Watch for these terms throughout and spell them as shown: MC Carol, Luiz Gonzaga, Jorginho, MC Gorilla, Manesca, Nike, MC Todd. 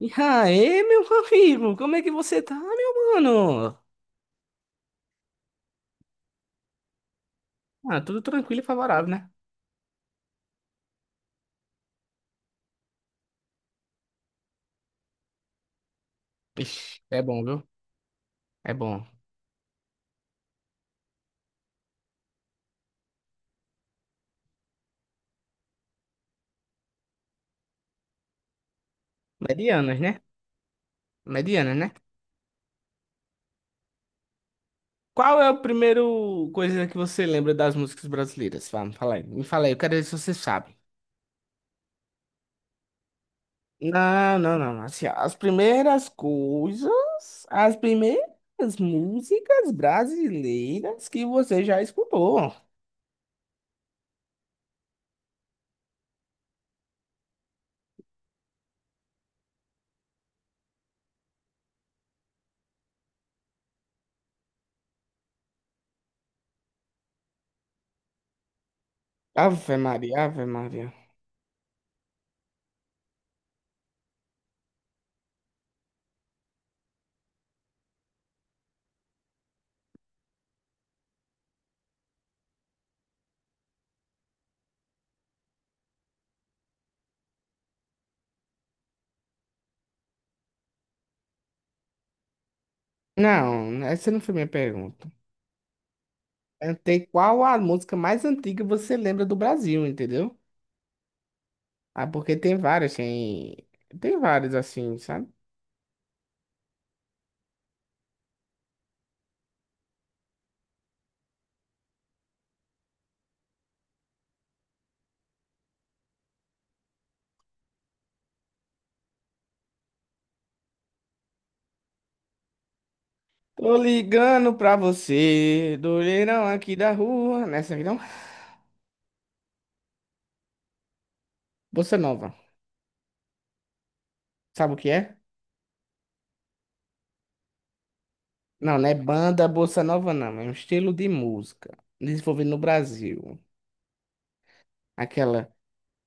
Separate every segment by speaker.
Speaker 1: E aí, meu amigo, como é que você tá, meu mano? Ah, tudo tranquilo e favorável, né? Ixi, é bom, viu? É bom. Medianas, né? Medianas, né? Qual é a primeira coisa que você lembra das músicas brasileiras? Vamos, fala aí. Me fala aí, eu quero ver se você sabe. Não, não, não. Assim, ó, as primeiras coisas, as primeiras músicas brasileiras que você já escutou. Ave Maria, Ave Maria. Não, essa não foi minha pergunta. Perguntei qual a música mais antiga você lembra do Brasil, entendeu? Ah, porque tem várias, tem várias assim, sabe? Tô ligando pra você, do leirão aqui da rua. Nessa aqui não? Bossa Nova. Sabe o que é? Não, não é banda Bossa Nova, não. É um estilo de música desenvolvido no Brasil. Aquela.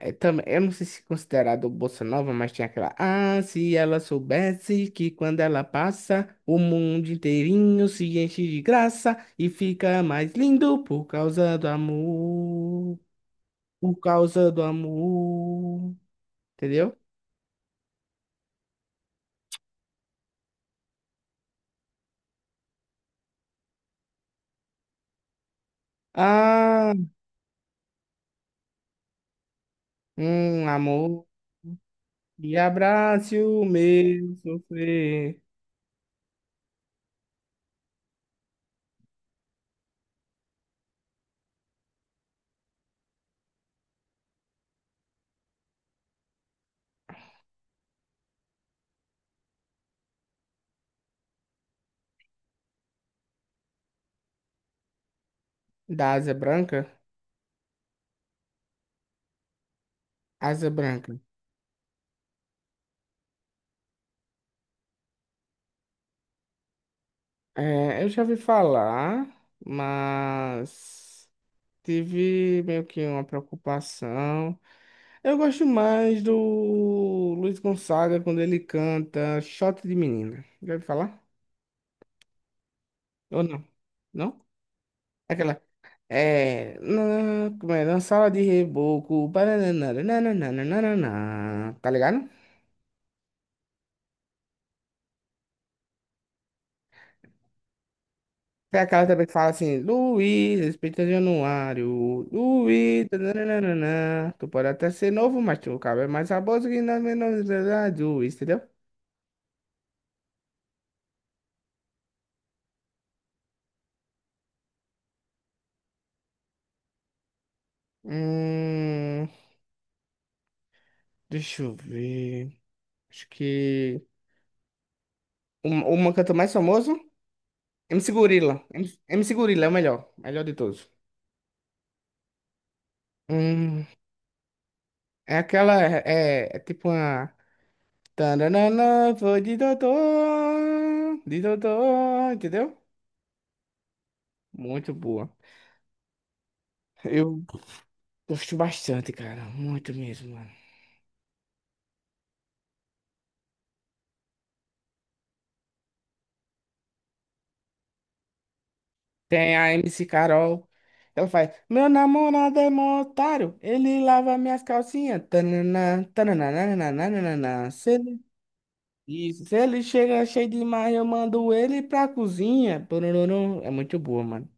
Speaker 1: É, eu não sei se é considerado bossa nova, mas tinha aquela. Ah, se ela soubesse que quando ela passa, o mundo inteirinho se enche de graça e fica mais lindo por causa do amor. Por causa do amor. Entendeu? Ah, um amor e abrace o meu sofrer. Da Asa Branca? Asa Branca. É, eu já ouvi falar, mas. Tive meio que uma preocupação. Eu gosto mais do Luiz Gonzaga quando ele canta Shot de Menina. Já ouviu falar? Ou não? Não? Aquela. É. Na, como é? Na sala de reboco. Baranana, nananana, tá ligado? Tem aquela também que fala assim: Luiz, respeita Januário. Luiz. Nananana, tu pode até ser novo, mas tu cabe mais a bosta que na menor idade, Luiz, entendeu? Hum. Deixa eu ver. Acho que. Um, uma cantor mais famoso? MC Gorilla. MC Gorilla é o melhor. Melhor de todos. Hum, é aquela. É tipo uma. Tananana, vou de doutor. De doutor, entendeu? Muito boa. Eu gosto bastante, cara. Muito mesmo, mano. Tem a MC Carol. Ela faz. Meu namorado é mó otário. Ele lava minhas calcinhas. Tananã, tananã, nananã, nananã. Isso. Se ele chega cheio demais, eu mando ele pra cozinha. Pororom. É muito boa, mano.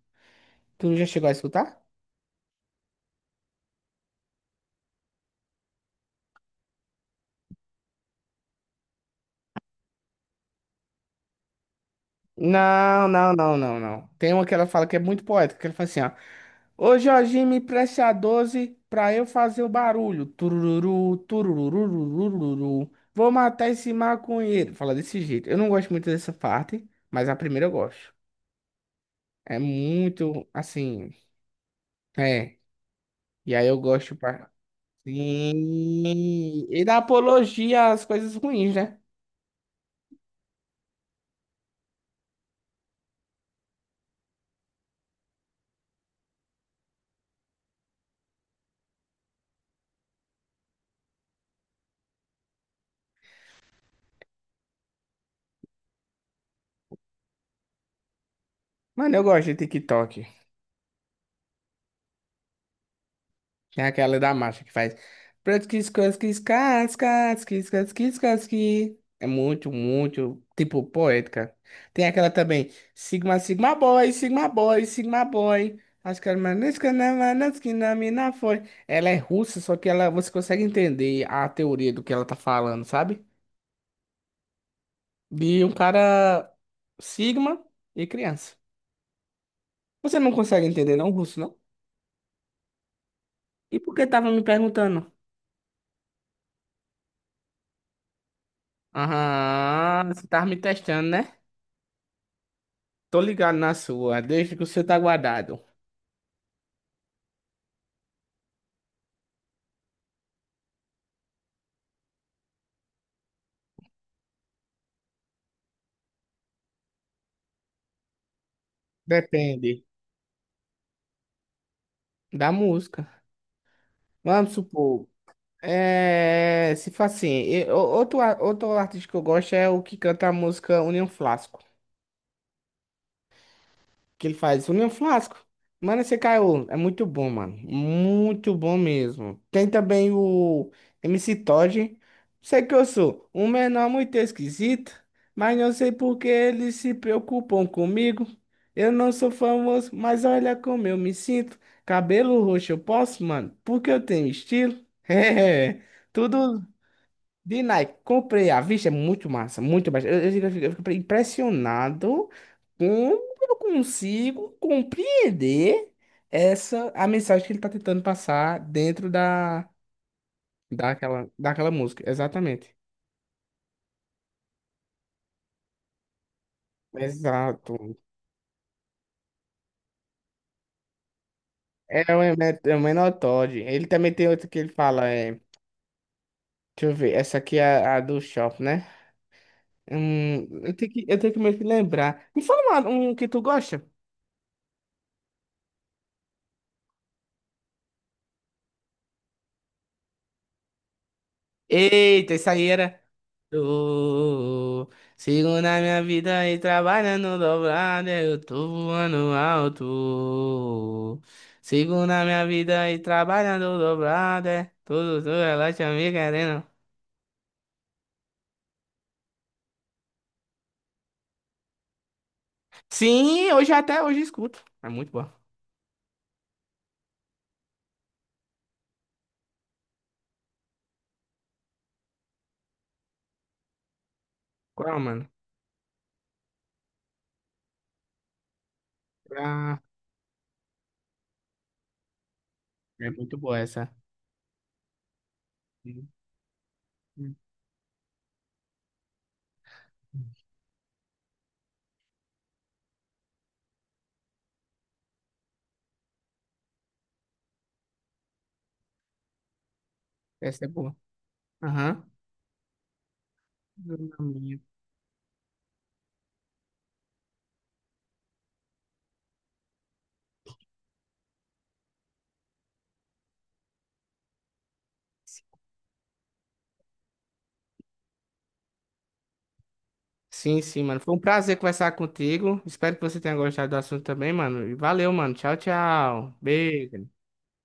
Speaker 1: Tu já chegou a escutar? Não, não, não, não, não. Tem uma que ela fala que é muito poética, que ela fala assim, ó. Ô Jorginho, me preste a 12 pra eu fazer o barulho. Turururu, tururururururu. Vou matar esse maconheiro. Fala desse jeito. Eu não gosto muito dessa parte, mas a primeira eu gosto. É muito, assim, é. E aí eu gosto, sim. E dá apologia às coisas ruins, né? Mano, eu gosto de TikTok. Tem aquela da marcha que faz. Pratkis, kaskis, kaskis, kis, kaskis, kaski. É muito, muito, tipo, poética. Tem aquela também. Sigma, Sigma Boy, Sigma Boy, Sigma Boy. Acho que era Manesca, na mina foi. Ela é russa, só que ela, você consegue entender a teoria do que ela tá falando, sabe? De um cara Sigma e criança. Você não consegue entender, não, russo, não? E por que tava me perguntando? Aham, você tava me testando, né? Tô ligado na sua, desde que você tá guardado. Depende da música. Vamos supor, se faz assim, outro, outro artista que eu gosto é o que canta a música União Flasco. Que ele faz? União Flasco. Mano, esse caiu. É muito bom, mano. Muito bom mesmo. Tem também o MC Todd. Sei que eu sou um menor muito esquisito, mas não sei por que eles se preocupam comigo. Eu não sou famoso, mas olha como eu me sinto. Cabelo roxo eu posso, mano, porque eu tenho estilo. É, tudo de Nike, comprei à vista, é muito massa, muito massa. Fico- eu fico impressionado como eu consigo compreender essa a mensagem que ele está tentando passar dentro da, daquela música. Exatamente. Exato. É o é o Menor Todd. Ele também tem outro que ele fala, é, deixa eu ver, essa aqui é a do Shop, né? Eu tenho que meio que lembrar. Me fala um que tu gosta. Eita, isso aí era. Tô, sigo na minha vida e trabalhando dobrado, eu tô voando alto. Sigo na minha vida e trabalhando dobrado, é tudo, tudo, ela te me querendo. Sim, hoje até hoje escuto. É muito boa. Qual, mano? Ah, é muito boa essa. Essa é boa. Aham. Sim, sim, mano. Foi um prazer conversar contigo. Espero que você tenha gostado do assunto também, mano. E valeu, mano. Tchau, tchau. Beijo.